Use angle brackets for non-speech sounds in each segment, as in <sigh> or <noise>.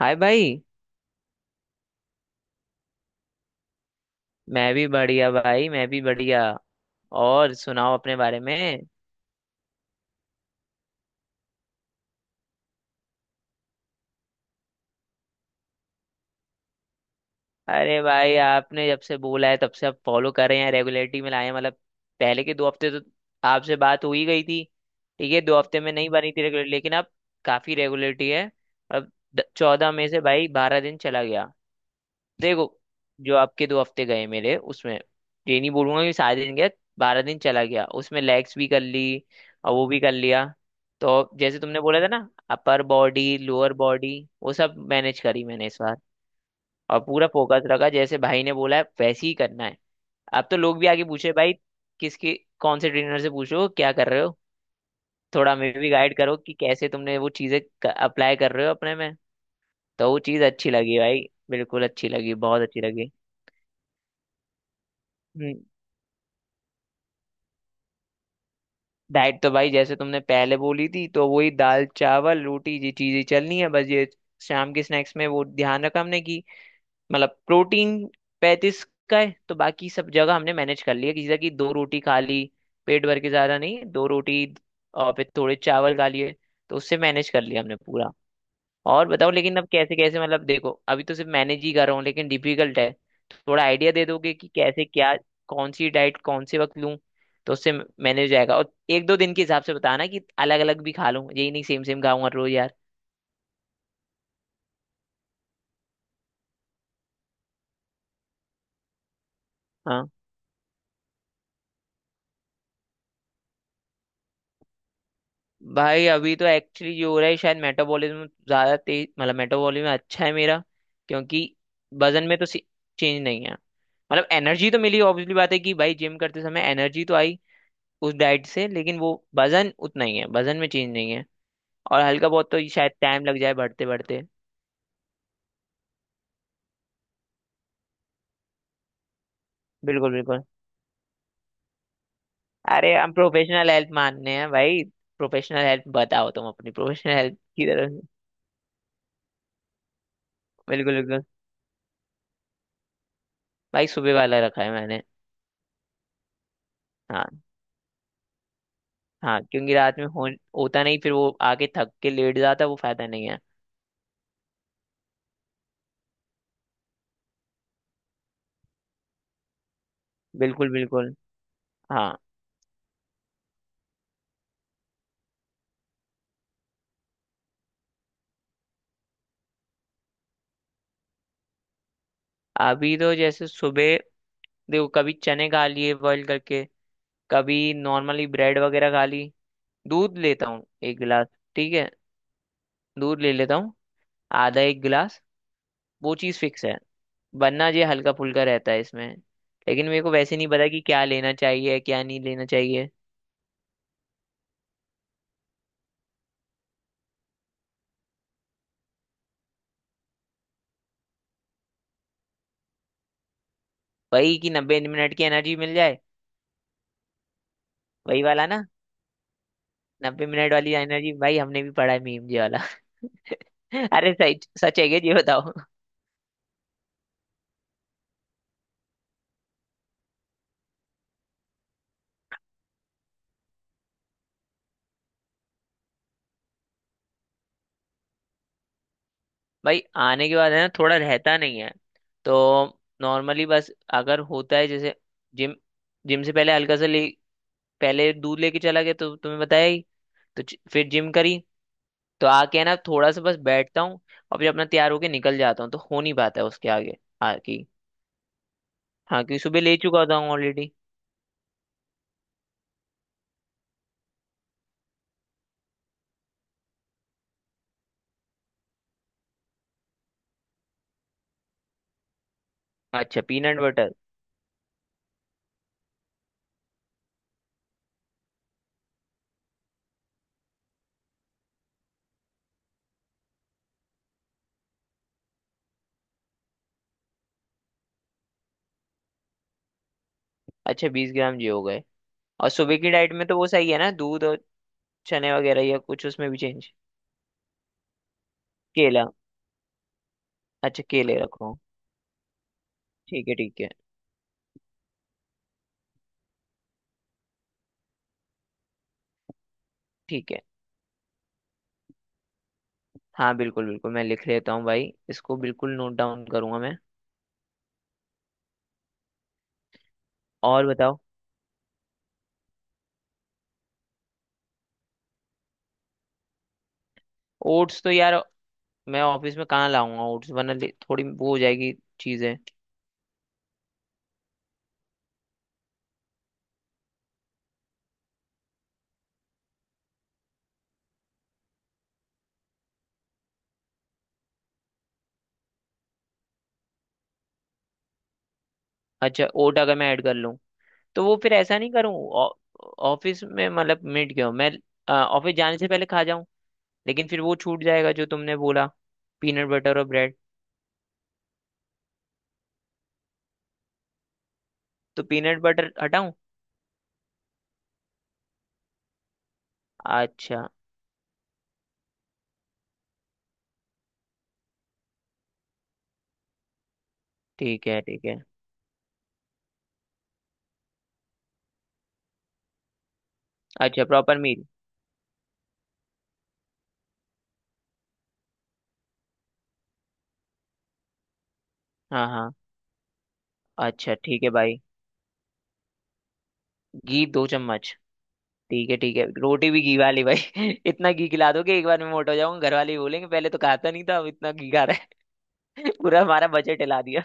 हाय भाई। मैं भी बढ़िया भाई, मैं भी बढ़िया। और सुनाओ अपने बारे में। अरे भाई, आपने जब से बोला है तब से आप फॉलो कर रहे हैं, रेगुलरिटी में लाए हैं। मतलब पहले के 2 हफ्ते तो आपसे बात हो ही गई थी। ठीक है, 2 हफ्ते में नहीं बनी थी रेगुलर, लेकिन अब काफी रेगुलरिटी है। अब 14 मई से भाई 12 दिन चला गया। देखो, जो आपके 2 हफ्ते गए मेरे उसमें, ये नहीं बोलूंगा कि सारे दिन गया। 12 दिन चला गया, उसमें लेग्स भी कर ली और वो भी कर लिया। तो जैसे तुमने बोला था ना, अपर बॉडी लोअर बॉडी, वो सब मैनेज करी मैंने इस बार। और पूरा फोकस रखा, जैसे भाई ने बोला है वैसे ही करना है। अब तो लोग भी आगे पूछे भाई, किसके, कौन से ट्रेनर से पूछो क्या कर रहे हो। थोड़ा हमें भी गाइड करो कि कैसे तुमने वो चीजें अप्लाई कर रहे हो अपने में। तो वो चीज अच्छी लगी भाई, बिल्कुल अच्छी लगी, बहुत अच्छी लगी। हम्म, डाइट तो भाई जैसे तुमने पहले बोली थी, तो वही दाल चावल रोटी, ये चीजें चलनी है बस। ये शाम के स्नैक्स में वो ध्यान रखा हमने कि मतलब प्रोटीन 35 का है, तो बाकी सब जगह हमने मैनेज कर लिया, किसी तरह की दो रोटी खा ली, पेट भर के ज्यादा नहीं, दो रोटी। और फिर थोड़े चावल खा लिए, तो उससे मैनेज कर लिया हमने पूरा। और बताओ, लेकिन अब कैसे कैसे, मतलब देखो, अभी तो सिर्फ मैनेज ही कर रहा हूँ, लेकिन डिफिकल्ट है। थोड़ा आइडिया दे दोगे कि कैसे क्या, कौन सी डाइट, कौन से वक्त लूँ, तो उससे मैनेज हो जाएगा। और एक दो दिन के हिसाब से बताना कि अलग अलग भी खा लूँ, यही नहीं सेम सेम खाऊंगा रोज यार। हाँ भाई, अभी तो एक्चुअली जो हो रहा है, शायद मेटाबॉलिज्म ज्यादा तेज, मतलब मेटाबॉलिज्म अच्छा है मेरा, क्योंकि वजन में तो चेंज नहीं है। मतलब एनर्जी तो मिली, ऑब्वियसली बात है कि भाई जिम करते समय एनर्जी तो आई उस डाइट से, लेकिन वो वजन उतना ही है, वजन में चेंज नहीं है। और हल्का बहुत तो शायद टाइम लग जाए बढ़ते बढ़ते। बिल्कुल बिल्कुल। अरे हम प्रोफेशनल हेल्प मानने हैं भाई। प्रोफेशनल हेल्प बताओ तुम, अपनी प्रोफेशनल हेल्प की तरफ। बिल्कुल बिल्कुल। भाई सुबह वाला रखा है मैंने। हाँ हाँ, क्योंकि रात में हो होता नहीं, फिर वो आके थक के लेट जाता, वो फायदा नहीं है। बिल्कुल बिल्कुल। हाँ अभी तो जैसे सुबह, देखो, कभी चने खा लिए बॉईल करके, कभी नॉर्मली ब्रेड वगैरह खा ली, दूध लेता हूँ एक गिलास। ठीक है, दूध ले लेता हूँ, आधा एक गिलास। वो चीज़ फिक्स है, वरना ये हल्का फुल्का रहता है इसमें, लेकिन मेरे को वैसे नहीं पता कि क्या लेना चाहिए क्या नहीं लेना चाहिए। वही कि 90 मिनट की एनर्जी मिल जाए। वही वाला ना, 90 मिनट वाली एनर्जी भाई, हमने भी पढ़ा है, मीम ये वाला। <laughs> अरे, सच सच है क्या ये बताओ। भाई आने के बाद है ना, थोड़ा रहता नहीं है। तो नॉर्मली बस अगर होता है, जैसे जिम जिम से पहले हल्का सा ले, पहले दूध लेके चला गया तो तुम्हें बताया ही। तो फिर जिम करी, तो आके है ना थोड़ा सा बस बैठता हूँ, और फिर अपना तैयार होके निकल जाता हूँ, तो हो नहीं पाता है उसके आगे आगे। हाँ क्योंकि सुबह ले चुका होता हूँ ऑलरेडी। अच्छा, पीनट बटर। अच्छा, 20 ग्राम ये हो गए। और सुबह की डाइट में तो वो सही है ना, दूध और चने वगैरह, या कुछ उसमें भी चेंज? केला? अच्छा, केले रखो। ठीक है, ठीक है, ठीक है। हाँ बिल्कुल बिल्कुल, मैं लिख लेता हूँ भाई, इसको बिल्कुल नोट डाउन करूंगा मैं। और बताओ। ओट्स तो यार, मैं ऑफिस में कहाँ लाऊंगा ओट्स, वरना थोड़ी वो हो जाएगी चीजें। अच्छा, ओट अगर मैं ऐड कर लूँ, तो वो फिर ऐसा नहीं करूं। ऑ- ऑफिस में मतलब मिट गया हूं, मैं ऑफिस जाने से पहले खा जाऊं, लेकिन फिर वो छूट जाएगा जो तुमने बोला, पीनट बटर और ब्रेड। तो पीनट बटर हटाऊं? अच्छा। ठीक है ठीक है। अच्छा, प्रॉपर मील। हाँ हाँ। अच्छा ठीक है भाई। घी 2 चम्मच। ठीक है ठीक है, रोटी भी घी वाली भाई <laughs> इतना घी खिला दोगे एक बार में मोटा हो जाऊंगा, घर वाले ही बोलेंगे पहले तो खाता नहीं था अब इतना घी खा रहा है। <laughs> पूरा हमारा बजट हिला दिया।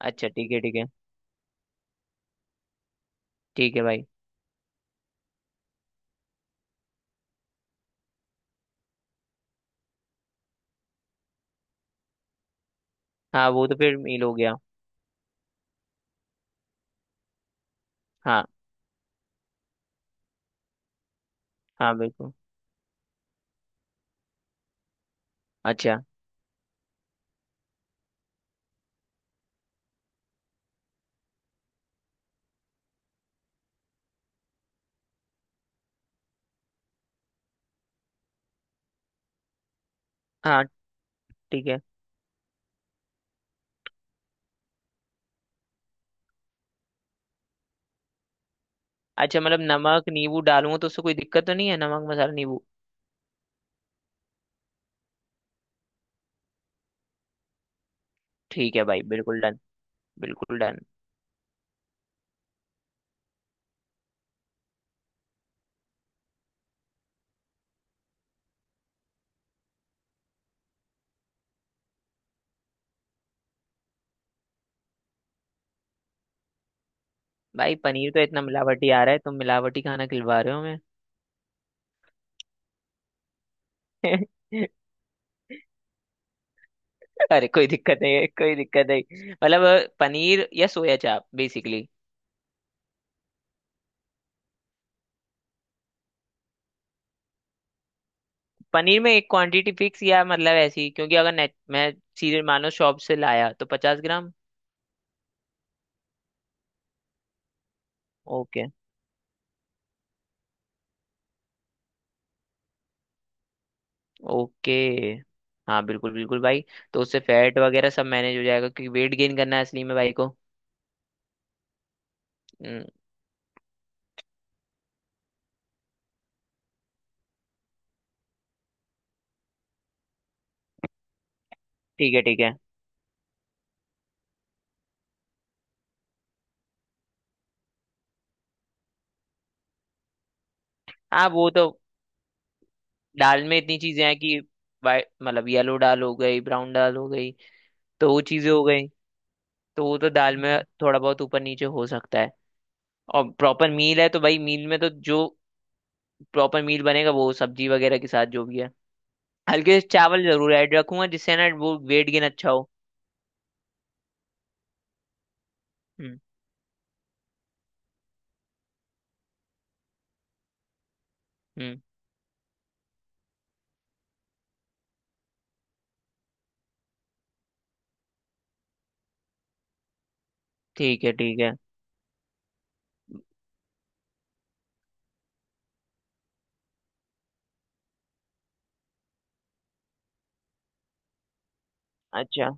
अच्छा ठीक है ठीक है। ठीक है भाई। हाँ वो तो फिर मील हो गया। हाँ हाँ बिल्कुल। अच्छा। हाँ। ठीक है। अच्छा मतलब नमक नींबू डालूंगा तो उससे कोई दिक्कत तो नहीं है, नमक मसाला नींबू? ठीक है भाई, बिल्कुल डन, बिल्कुल डन। भाई पनीर तो इतना मिलावटी आ रहा है, तुम मिलावटी खाना खिलवा रहे हो हमें। <laughs> अरे कोई दिक्कत नहीं है, कोई दिक्कत नहीं, मतलब पनीर या सोया चाप बेसिकली। पनीर में एक क्वांटिटी फिक्स, या मतलब ऐसी, क्योंकि अगर नेट मैं सीधे मानो शॉप से लाया तो 50 ग्राम? ओके। ओके। हाँ बिल्कुल बिल्कुल भाई। तो उससे फैट वगैरह सब मैनेज हो जाएगा, क्योंकि वेट गेन करना है असली में भाई को। हम्म, ठीक है ठीक है। हाँ वो तो दाल में इतनी चीजें हैं कि, वाइट मतलब येलो दाल हो गई, ब्राउन दाल हो गई, तो वो चीजें हो गई। तो वो तो दाल में थोड़ा बहुत ऊपर नीचे हो सकता है। और प्रॉपर मील है तो भाई मील में तो जो प्रॉपर मील बनेगा वो सब्जी वगैरह के साथ जो भी है, हल्के से चावल जरूर ऐड रखूंगा जिससे ना वो वेट गेन अच्छा हो। हम्म हम्म। ठीक है ठीक है। अच्छा,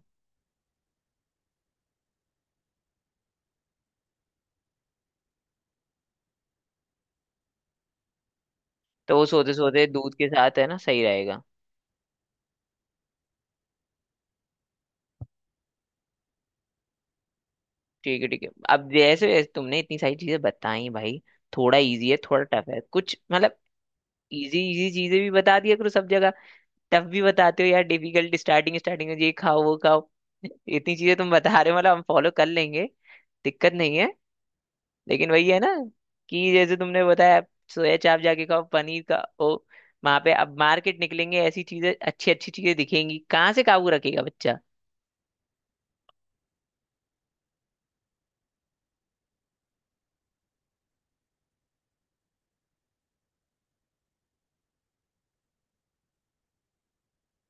तो वो सोते सोते दूध के साथ है ना, सही रहेगा। ठीक है ठीक है, अब जैसे जैसे तुमने इतनी सारी चीजें बताई भाई, थोड़ा इजी है थोड़ा टफ है कुछ, मतलब इजी इजी चीजें भी बता दिया करो सब जगह। टफ भी बताते हो यार, डिफिकल्ट, स्टार्टिंग स्टार्टिंग में ये खाओ वो खाओ। इतनी चीजें तुम बता रहे हो, मतलब हम फॉलो कर लेंगे, दिक्कत नहीं है। लेकिन वही है ना, कि जैसे तुमने बताया सोया चाप जाके खाओ, पनीर का ओ, वहां पे अब मार्केट निकलेंगे, ऐसी चीजें, अच्छी अच्छी चीजें दिखेंगी, कहाँ से काबू रखेगा बच्चा।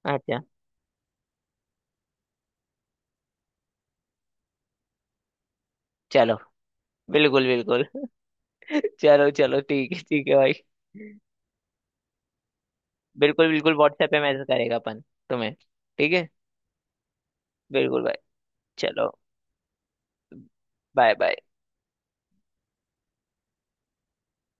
अच्छा। चलो। बिल्कुल बिल्कुल। चलो चलो ठीक है भाई। बिल्कुल बिल्कुल, व्हाट्सएप पे मैसेज करेगा अपन तुम्हें। ठीक है। बिल्कुल भाई। चलो। Bye bye.